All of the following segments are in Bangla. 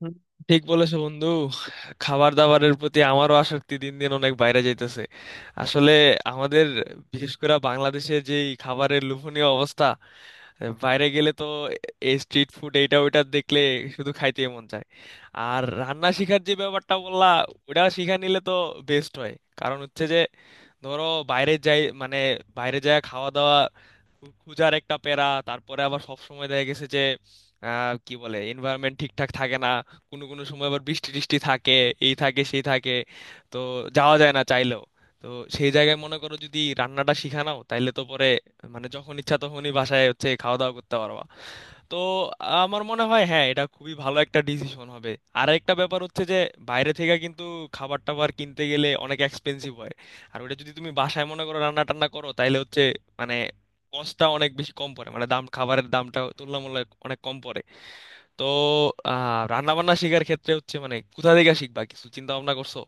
হুম, ঠিক বলেছো বন্ধু। খাবার দাবারের প্রতি আমারও আসক্তি দিন দিন অনেক বাইরে যাইতেছে। আসলে আমাদের বিশেষ করে বাংলাদেশে যে এই খাবারের লোভনীয় অবস্থা, বাইরে গেলে তো এই স্ট্রিট ফুড এইটা ওইটা দেখলে শুধু খাইতে মন চায়। আর রান্না শিখার যে ব্যাপারটা বললা ওটা শিখা নিলে তো বেস্ট হয়। কারণ হচ্ছে যে, ধরো, বাইরে যাই মানে বাইরে যাওয়া খাওয়া দাওয়া খুঁজার একটা প্যারা। তারপরে আবার সব সময় দেখা গেছে যে কি বলে এনভায়রনমেন্ট ঠিকঠাক থাকে না। কোনো কোনো সময় আবার বৃষ্টি টিষ্টি থাকে, এই থাকে সেই থাকে, তো যাওয়া যায় না চাইলেও। তো সেই জায়গায় মনে করো যদি রান্নাটা শিখা নাও তাইলে তো পরে মানে যখন ইচ্ছা তখনই বাসায় হচ্ছে খাওয়া দাওয়া করতে পারবা। তো আমার মনে হয় হ্যাঁ, এটা খুবই ভালো একটা ডিসিশন হবে। আর একটা ব্যাপার হচ্ছে যে, বাইরে থেকে কিন্তু খাবার টাবার কিনতে গেলে অনেক এক্সপেন্সিভ হয়। আর ওটা যদি তুমি বাসায় মনে করো রান্না টান্না করো তাহলে হচ্ছে মানে কষ্টটা অনেক বেশি কম পড়ে, মানে দাম খাবারের দামটা তুলনামূলক অনেক কম পড়ে। তো রান্না বান্না শেখার ক্ষেত্রে হচ্ছে মানে কোথা থেকে শিখবা, কিছু চিন্তা ভাবনা করছো?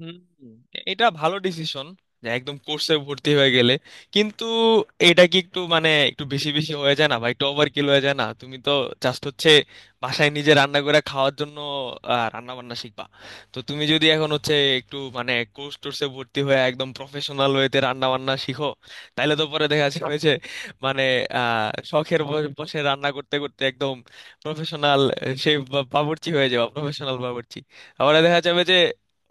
হুম, এটা ভালো ডিসিশন যে একদম কোর্সে ভর্তি হয়ে গেলে। কিন্তু এটা কি একটু মানে একটু বেশি বেশি হয়ে যায় না ভাই, একটু ওভার কিল হয়ে যায় না? তুমি তো জাস্ট হচ্ছে বাসায় নিজে রান্না করে খাওয়ার জন্য রান্না বান্না শিখবা। তো তুমি যদি এখন হচ্ছে একটু মানে কোর্স টোর্সে ভর্তি হয়ে একদম প্রফেশনাল ওয়েতে রান্না বান্না শিখো তাহলে তো পরে দেখা যাবে যে মানে শখের বসে রান্না করতে করতে একদম প্রফেশনাল সে বাবুর্চি হয়ে যাবে, প্রফেশনাল বাবুর্চি। আবার দেখা যাবে যে,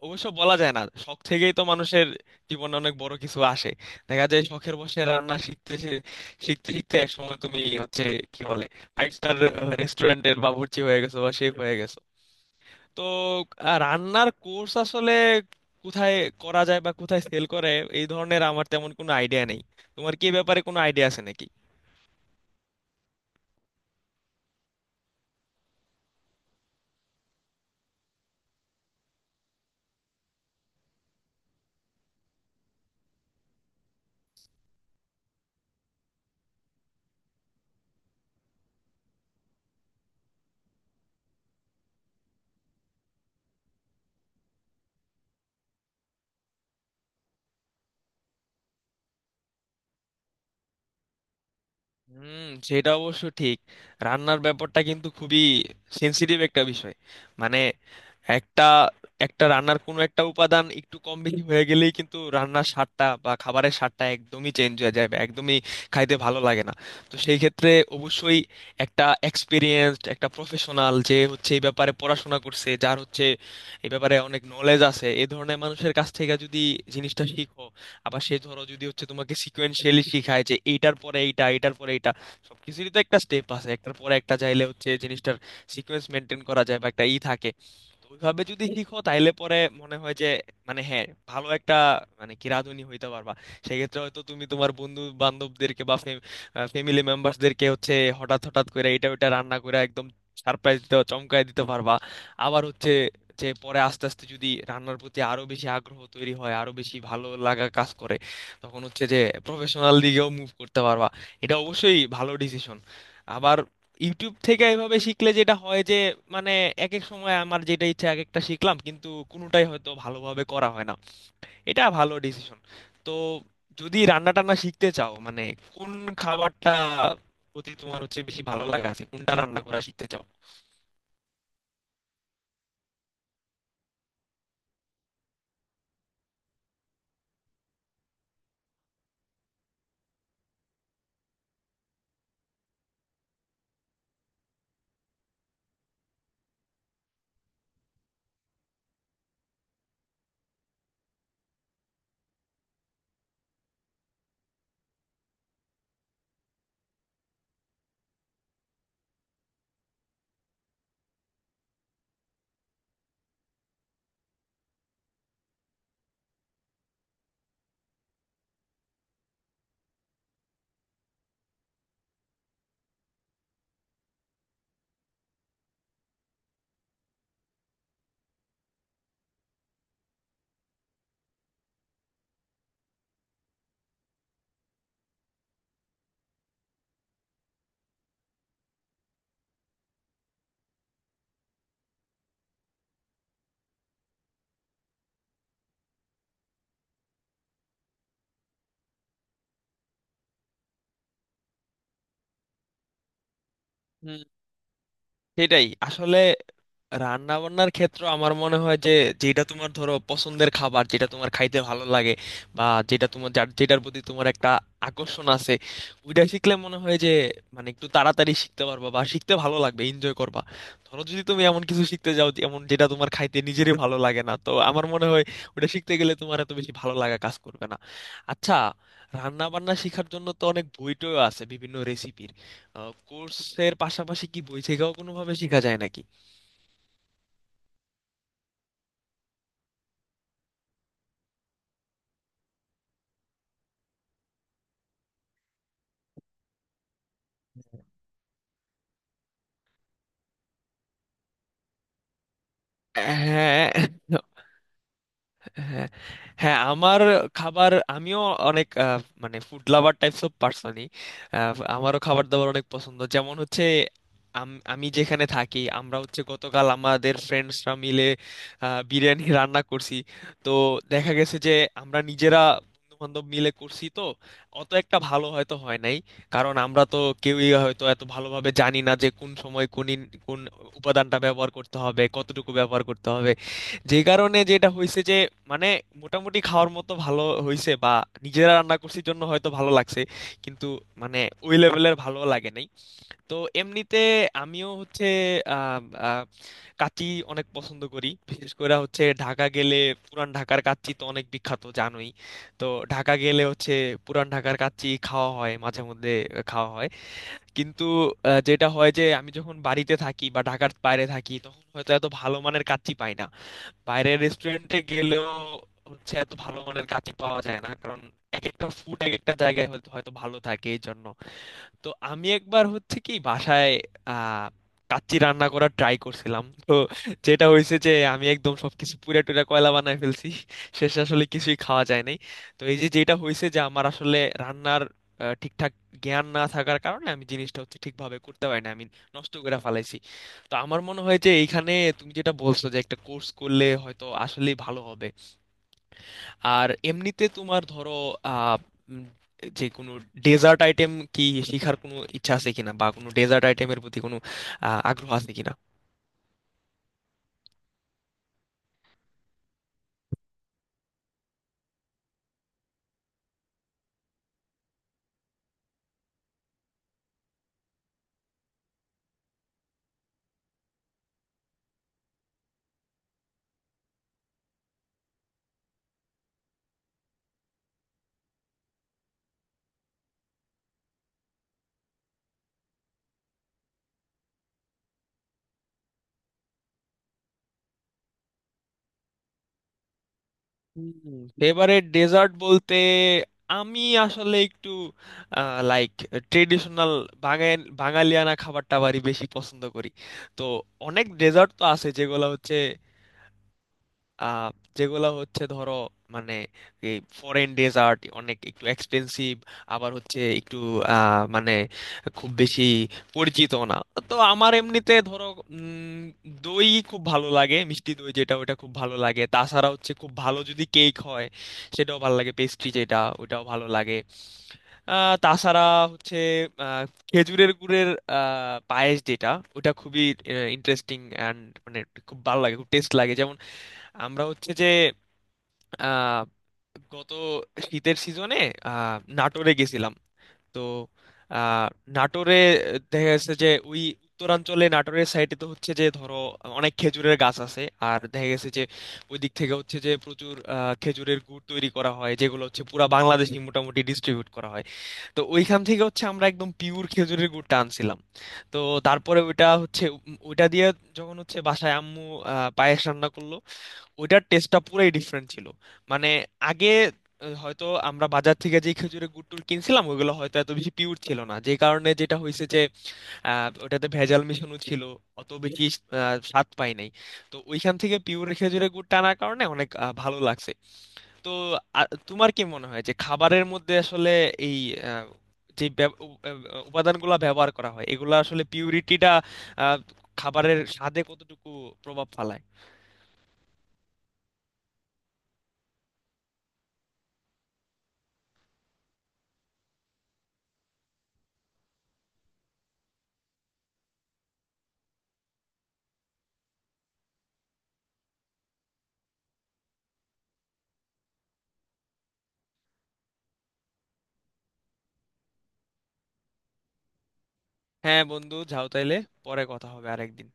অবশ্য বলা যায় না, শখ থেকেই তো মানুষের জীবনে অনেক বড় কিছু আসে। দেখা যায় শখের বসে রান্না শিখতে শিখতে শিখতে এক সময় তুমি হচ্ছে কি বলে ফাইভ স্টার রেস্টুরেন্টের বাবুর্চি হয়ে গেছো বা শেফ হয়ে গেছো। তো রান্নার কোর্স আসলে কোথায় করা যায় বা কোথায় সেল করে এই ধরনের আমার তেমন কোনো আইডিয়া নেই। তোমার কি এ ব্যাপারে কোনো আইডিয়া আছে নাকি? হুম, সেটা অবশ্য ঠিক। রান্নার ব্যাপারটা কিন্তু খুবই সেনসিটিভ একটা বিষয়। মানে একটা একটা রান্নার কোনো একটা উপাদান একটু কম বেশি হয়ে গেলেই কিন্তু রান্নার স্বাদটা বা খাবারের স্বাদটা একদমই চেঞ্জ হয়ে যায় বা একদমই খাইতে ভালো লাগে না। তো সেই ক্ষেত্রে অবশ্যই একটা এক্সপিরিয়েন্সড একটা প্রফেশনাল, যে হচ্ছে এই ব্যাপারে পড়াশোনা করছে, যার হচ্ছে এই ব্যাপারে অনেক নলেজ আছে, এই ধরনের মানুষের কাছ থেকে যদি জিনিসটা শিখো। আবার সে ধরো যদি হচ্ছে তোমাকে সিকোয়েন্সিয়ালি শিখায় যে এইটার পরে এইটা, এইটার পরে এইটা, সবকিছুরই তো একটা স্টেপ আছে, একটার পরে একটা, চাইলে হচ্ছে জিনিসটার সিকোয়েন্স মেনটেন করা যায় বা একটা ই থাকে। তো ওইভাবে যদি শিখো তাইলে পরে মনে হয় যে মানে হ্যাঁ, ভালো একটা মানে কি রাঁধুনি হইতে পারবা। সেক্ষেত্রে হয়তো তুমি তোমার বন্ধু বান্ধবদেরকে বা ফ্যামিলি মেম্বারসদেরকে হচ্ছে হঠাৎ হঠাৎ করে এটা ওইটা রান্না করে একদম সারপ্রাইজ দিতে, চমকায় দিতে পারবা। আবার হচ্ছে যে পরে আস্তে আস্তে যদি রান্নার প্রতি আরো বেশি আগ্রহ তৈরি হয়, আরো বেশি ভালো লাগা কাজ করে, তখন হচ্ছে যে প্রফেশনাল দিকেও মুভ করতে পারবা। এটা অবশ্যই ভালো ডিসিশন। আবার ইউটিউব থেকে এভাবে শিখলে যেটা হয় যে মানে এক এক সময় আমার যেটা ইচ্ছা এক একটা শিখলাম কিন্তু কোনোটাই হয়তো ভালোভাবে করা হয় না। এটা ভালো ডিসিশন। তো যদি রান্না টান্না শিখতে চাও মানে কোন খাবারটা প্রতি তোমার হচ্ছে বেশি ভালো লাগা আছে, কোনটা রান্না করা শিখতে চাও? হুম, সেটাই আসলে। রান্না বান্নার ক্ষেত্রে আমার মনে হয় যে যেটা তোমার ধরো পছন্দের খাবার, যেটা তোমার খাইতে ভালো লাগে বা যেটা তোমার যেটার প্রতি তোমার একটা আকর্ষণ আছে, ওইটা শিখলে মনে হয় যে মানে একটু তাড়াতাড়ি শিখতে পারবা বা শিখতে ভালো লাগবে, এনজয় করবা। ধরো যদি তুমি এমন কিছু শিখতে যাও এমন যেটা তোমার খাইতে নিজেরই ভালো লাগে না, তো আমার মনে হয় ওটা শিখতে গেলে তোমার এত বেশি ভালো লাগা কাজ করবে না। আচ্ছা, রান্না বান্না শেখার জন্য তো অনেক বই টইও আছে বিভিন্ন রেসিপির। কোর্সের পাশাপাশি কি বই থেকেও কোনোভাবে শেখা যায় নাকি? হ্যাঁ। হ্যাঁ। হ্যাঁ, আমার খাবার, আমিও অনেক মানে ফুড লাভার টাইপস অফ পার্সনই। আমারও খাবার দাবার অনেক পছন্দ, যেমন হচ্ছে আমি যেখানে থাকি আমরা হচ্ছে গতকাল আমাদের ফ্রেন্ডসরা মিলে বিরিয়ানি রান্না করছি। তো দেখা গেছে যে আমরা নিজেরা বন্ধু বান্ধব মিলে করছি, তো অত একটা ভালো হয়তো হয় নাই। কারণ আমরা তো কেউই হয়তো এত ভালোভাবে জানি না যে কোন সময় কোন কোন উপাদানটা ব্যবহার করতে হবে, কতটুকু ব্যবহার করতে হবে। যে কারণে যেটা হয়েছে যে মানে মোটামুটি খাওয়ার মতো ভালো হয়েছে বা নিজেরা রান্না করছি জন্য হয়তো ভালো লাগছে, কিন্তু মানে ওই লেভেলের ভালো লাগে নাই। তো এমনিতে আমিও হচ্ছে আহ, আহ, কাচ্চি অনেক পছন্দ করি, বিশেষ করে হচ্ছে ঢাকা গেলে। পুরান ঢাকার কাচ্চি তো অনেক বিখ্যাত, জানোই। তো ঢাকা গেলে হচ্ছে পুরান ঢাকার কাচ্চি খাওয়া হয় মাঝে মধ্যে খাওয়া হয়। কিন্তু যেটা হয় যে আমি যখন বাড়িতে থাকি বা ঢাকার বাইরে থাকি তখন হয়তো এত ভালো মানের কাচ্চি পাই না। বাইরের রেস্টুরেন্টে গেলেও হচ্ছে এত ভালো মানের কাচ্চি পাওয়া যায় না, কারণ এক একটা ফুড এক একটা জায়গায় হয়তো হয়তো ভালো থাকে এই জন্য। তো আমি একবার হচ্ছে কি বাসায় আহ কাচ্চি রান্না করার ট্রাই করছিলাম, তো যেটা হয়েছে যে আমি একদম সবকিছু পুড়ে টুরে কয়লা বানায় ফেলছি। শেষে আসলে কিছুই খাওয়া যায় নাই। তো এই যে যেটা হয়েছে যে আমার আসলে রান্নার ঠিকঠাক জ্ঞান না থাকার কারণে আমি জিনিসটা হচ্ছে ঠিকভাবে করতে পারি না, আমি নষ্ট করে ফেলাইছি। তো আমার মনে হয় যে এইখানে তুমি যেটা বলছো যে একটা কোর্স করলে হয়তো আসলেই ভালো হবে। আর এমনিতে তোমার ধরো আহ উম, যে কোনো ডেজার্ট আইটেম কি শেখার কোনো ইচ্ছা আছে কিনা, বা কোনো ডেজার্ট আইটেমের প্রতি কোনো আগ্রহ আছে কিনা? ফেভারিট ডেজার্ট বলতে, আমি আসলে একটু লাইক ট্রেডিশনাল বাঙালিয়ানা খাবার টাবারই বেশি পছন্দ করি। তো অনেক ডেজার্ট তো আছে যেগুলো হচ্ছে আহ, যেগুলো হচ্ছে ধরো মানে এই ফরেন ডেজার্ট অনেক একটু এক্সপেন্সিভ, আবার হচ্ছে একটু মানে খুব বেশি পরিচিত না। তো আমার এমনিতে ধরো উম, দই খুব ভালো লাগে, মিষ্টি দই যেটা ওটা খুব ভালো লাগে। তাছাড়া হচ্ছে খুব ভালো, যদি কেক হয় সেটাও ভালো লাগে, পেস্ট্রি যেটা ওটাও ভালো লাগে। তাছাড়া হচ্ছে আহ, খেজুরের গুড়ের পায়েস যেটা ওটা খুবই ইন্টারেস্টিং অ্যান্ড মানে খুব ভালো লাগে, খুব টেস্ট লাগে। আমরা হচ্ছে যে আহ, গত শীতের সিজনে নাটোরে গেছিলাম। তো আহ, নাটোরে দেখা গেছে যে ওই উত্তরাঞ্চলে, নাটোরের সাইডে তো হচ্ছে যে ধরো অনেক খেজুরের গাছ আছে। আর দেখা গেছে যে ওই দিক থেকে হচ্ছে যে প্রচুর খেজুরের গুড় তৈরি করা হয়, যেগুলো হচ্ছে পুরা বাংলাদেশে মোটামুটি ডিস্ট্রিবিউট করা হয়। তো ওইখান থেকে হচ্ছে আমরা একদম পিওর খেজুরের গুড়টা আনছিলাম। তো তারপরে ওইটা হচ্ছে ওইটা দিয়ে যখন হচ্ছে বাসায় আম্মু পায়েস রান্না করলো, ওইটার টেস্টটা পুরোই ডিফারেন্ট ছিল। মানে আগে হয়তো আমরা বাজার থেকে যে খেজুরের গুড় টুর কিনছিলাম ওগুলো হয়তো এত বেশি পিওর ছিল না, যে কারণে যেটা হয়েছে যে ওটাতে ভেজাল মেশানো ছিল, অত বেশি স্বাদ পাই নাই। তো ওইখান থেকে পিওর খেজুরের গুড় টানার কারণে অনেক ভালো লাগছে। তো আ, তোমার কি মনে হয় যে খাবারের মধ্যে আসলে এই আহ, যে উপাদানগুলো ব্যবহার করা হয় এগুলো আসলে পিউরিটিটা খাবারের স্বাদে কতটুকু প্রভাব ফেলায়? হ্যাঁ বন্ধু, যাও তাইলে। পরে কথা হবে আরেকদিন।